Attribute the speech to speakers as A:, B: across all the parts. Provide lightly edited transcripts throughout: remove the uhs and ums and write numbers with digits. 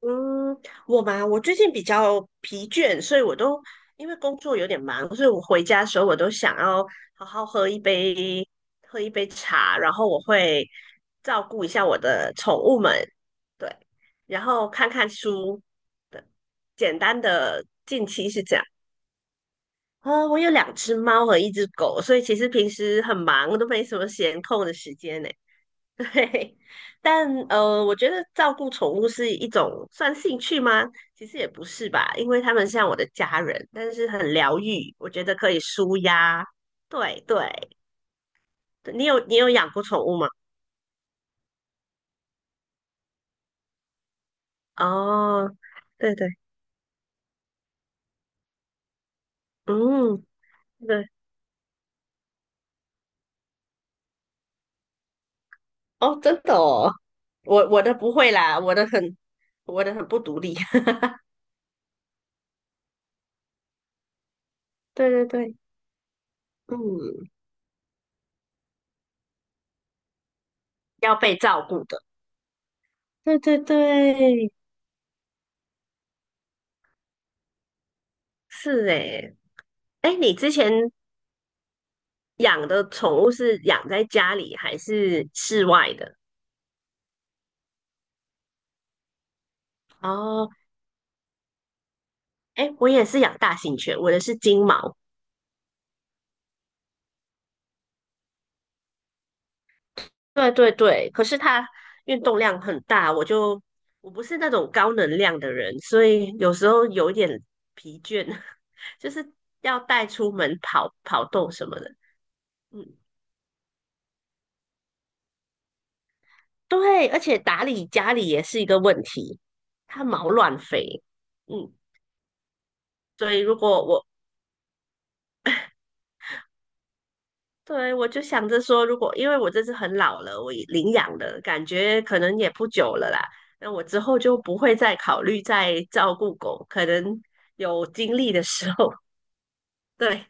A: 嗯，我嘛，我最近比较疲倦，所以我都因为工作有点忙，所以我回家的时候我都想要好好喝一杯茶，然后我会照顾一下我的宠物们，对，然后看看书，对，简单的近期是这样。啊，我有两只猫和一只狗，所以其实平时很忙，都没什么闲空的时间呢。对，但我觉得照顾宠物是一种算兴趣吗？其实也不是吧，因为他们像我的家人，但是很疗愈，我觉得可以舒压。对对，你有养过宠物吗？哦，对对，嗯，对，哦，真的哦，我的不会啦，我的很不独立。对对对，嗯，要被照顾的。对对对，是诶。哎，你之前养的宠物是养在家里还是室外的？哦，哎，我也是养大型犬，我的是金毛。对对对，可是它运动量很大，我就我不是那种高能量的人，所以有时候有一点疲倦，就是要带出门跑跑动什么的。嗯，对，而且打理家里也是一个问题，它毛乱飞。嗯，所以如果我对，我就想着说，如果因为我这次很老了，我已领养了，感觉可能也不久了啦。那我之后就不会再考虑再照顾狗，可能有精力的时候。对，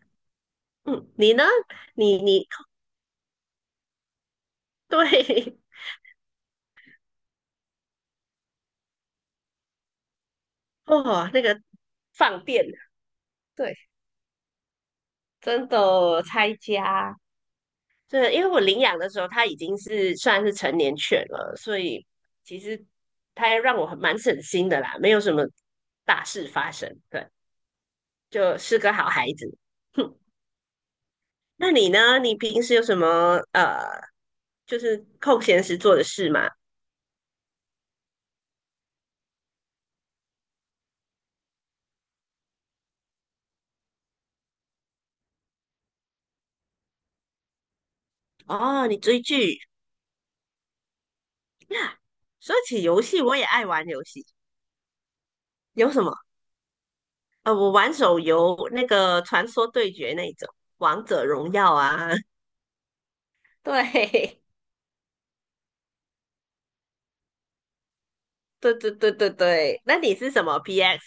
A: 嗯，你呢？你对，哦，那个放电，对，真的拆家。对，因为我领养的时候，它已经是算是成年犬了，所以其实它让我很蛮省心的啦，没有什么大事发生。对。就是个好孩子。哼，那你呢？你平时有什么就是空闲时做的事吗？哦，你追剧。说起游戏，我也爱玩游戏。有什么？我玩手游，那个《传说对决》那一种，《王者荣耀》啊。对，对对对对对。那你是什么 PS,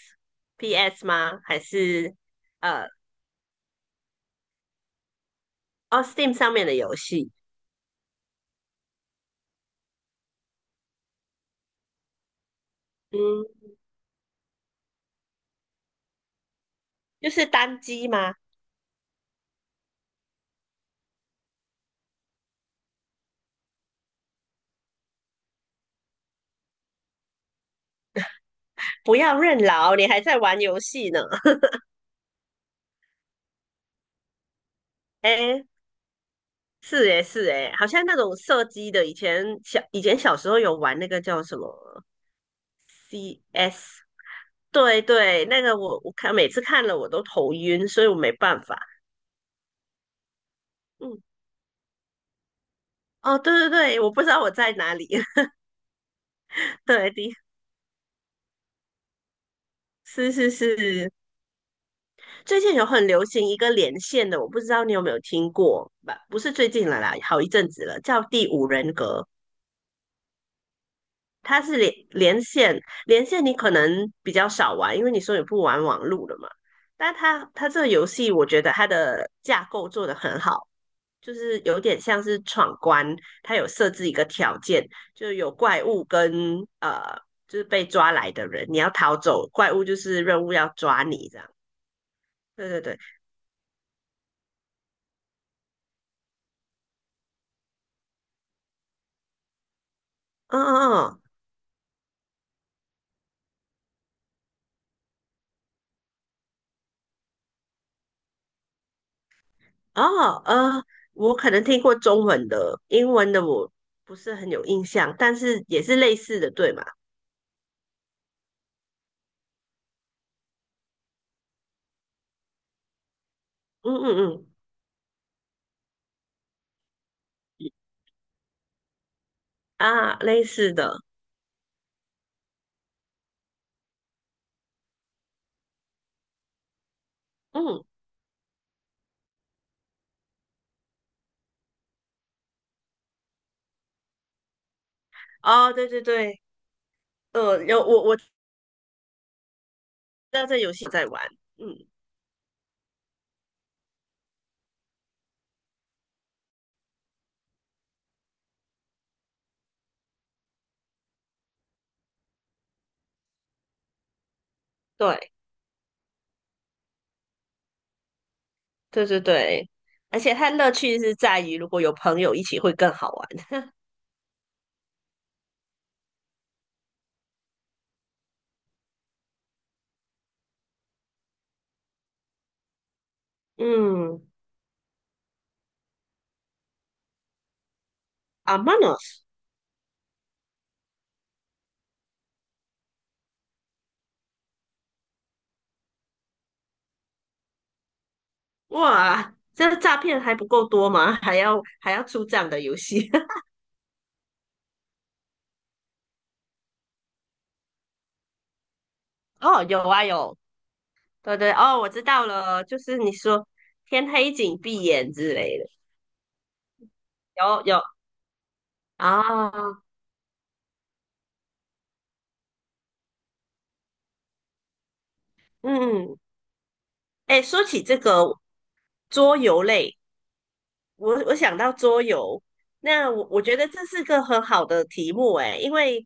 A: PS 吗？还是呃，哦，Steam 上面的游戏？嗯，就是单机吗？不要认老，你还在玩游戏呢。哎，是诶、是诶、好像那种射击的，以前小时候有玩那个叫什么 CS,对对，那个我看每次看了我都头晕，所以我没办法。嗯，哦，对对对，我不知道我在哪里。对的，是是是，最近有很流行一个连线的，我不知道你有没有听过吧？不是最近了啦，好一阵子了，叫第五人格。它是连线，连线你可能比较少玩，因为你说你不玩网路了嘛。但它这个游戏，我觉得它的架构做得很好，就是有点像是闯关，它有设置一个条件，就有怪物跟就是被抓来的人，你要逃走，怪物就是任务要抓你这样。对对对，嗯嗯嗯，我可能听过中文的，英文的我不是很有印象，但是也是类似的，对嘛？嗯嗯嗯。啊，类似的，嗯，哦，对对对，有我知道这游戏在玩，嗯，对对对对，而且它乐趣是在于如果有朋友一起会更好玩，嗯，Among Us,哇，这诈骗还不够多吗？还要还要出这样的游戏？哦，有啊有，对对，哦，我知道了，就是你说天黑请闭眼之类的，有有啊，嗯，哎，说起这个桌游类。我想到桌游，那我觉得这是个很好的题目诶，因为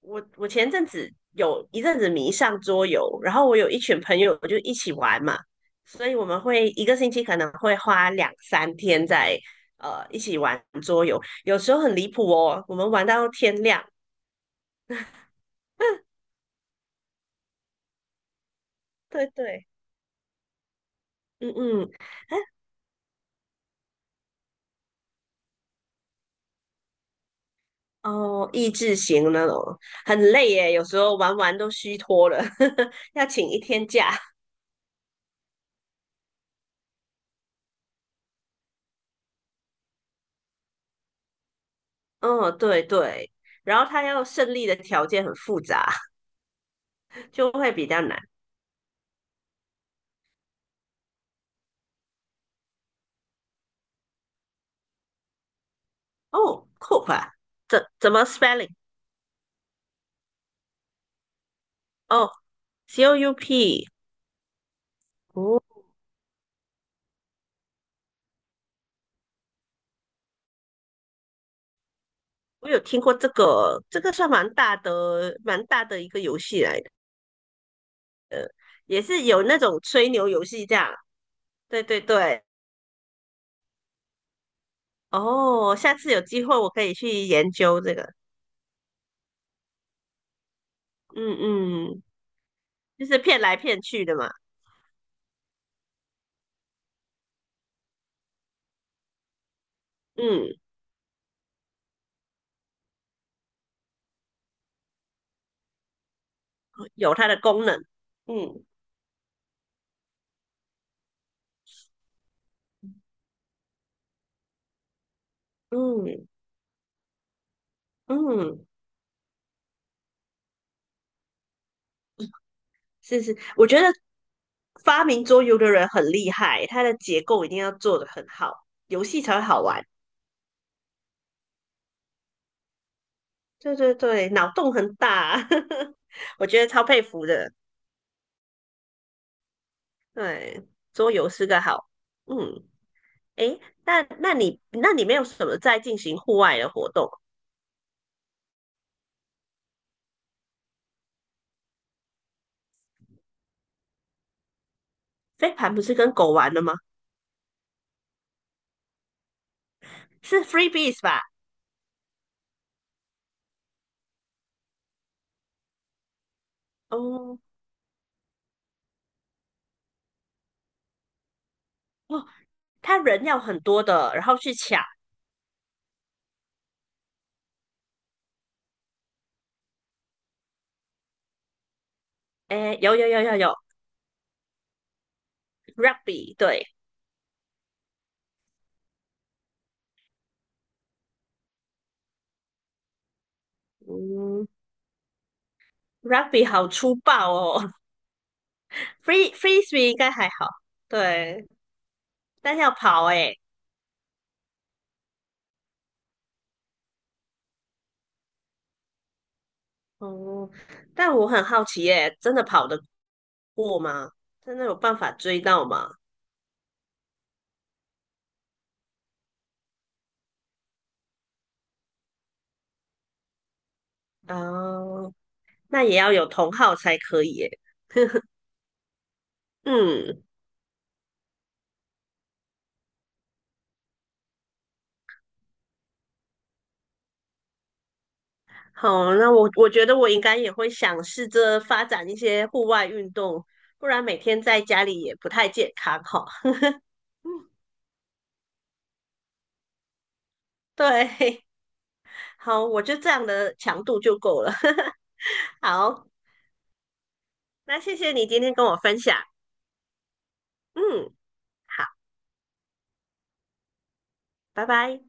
A: 我前阵子有一阵子迷上桌游，然后我有一群朋友就一起玩嘛，所以我们会一个星期可能会花2、3天在一起玩桌游，有时候很离谱哦，我们玩到天亮。对对，嗯嗯，哎哦，益智型那种很累耶，有时候玩玩都虚脱了，要请一天假。嗯，对对，然后他要胜利的条件很复杂，就会比较难。哦，coop 啊，怎么 spelling？哦，COUP,哦，我有听过这个，这个算蛮大的，蛮大的一个游戏来的，也是有那种吹牛游戏这样。对对对，哦，下次有机会我可以去研究这个。嗯嗯，就是骗来骗去的嘛。嗯，有它的功能。嗯嗯嗯。是是，我觉得发明桌游的人很厉害，它的结构一定要做得很好，游戏才会好玩。对对对，脑洞很大，我觉得超佩服的。对，桌游是个好，嗯，诶，那那你没有什么在进行户外的活动？飞盘不是跟狗玩的吗？是 freebies 吧？哦哦，他人要很多的，然后去抢。诶，有有有有有，rugby 对，嗯，rugby 好粗暴哦。free swing 应该还好，对，但是要跑哎、哦、但我很好奇哎、真的跑得过吗？真的有办法追到吗？哦，那也要有同好才可以哎、嗯，好，那我觉得我应该也会想试着发展一些户外运动，不然每天在家里也不太健康哈。对，好，我就这样的强度就够了。好，那谢谢你今天跟我分享，嗯，好，拜拜。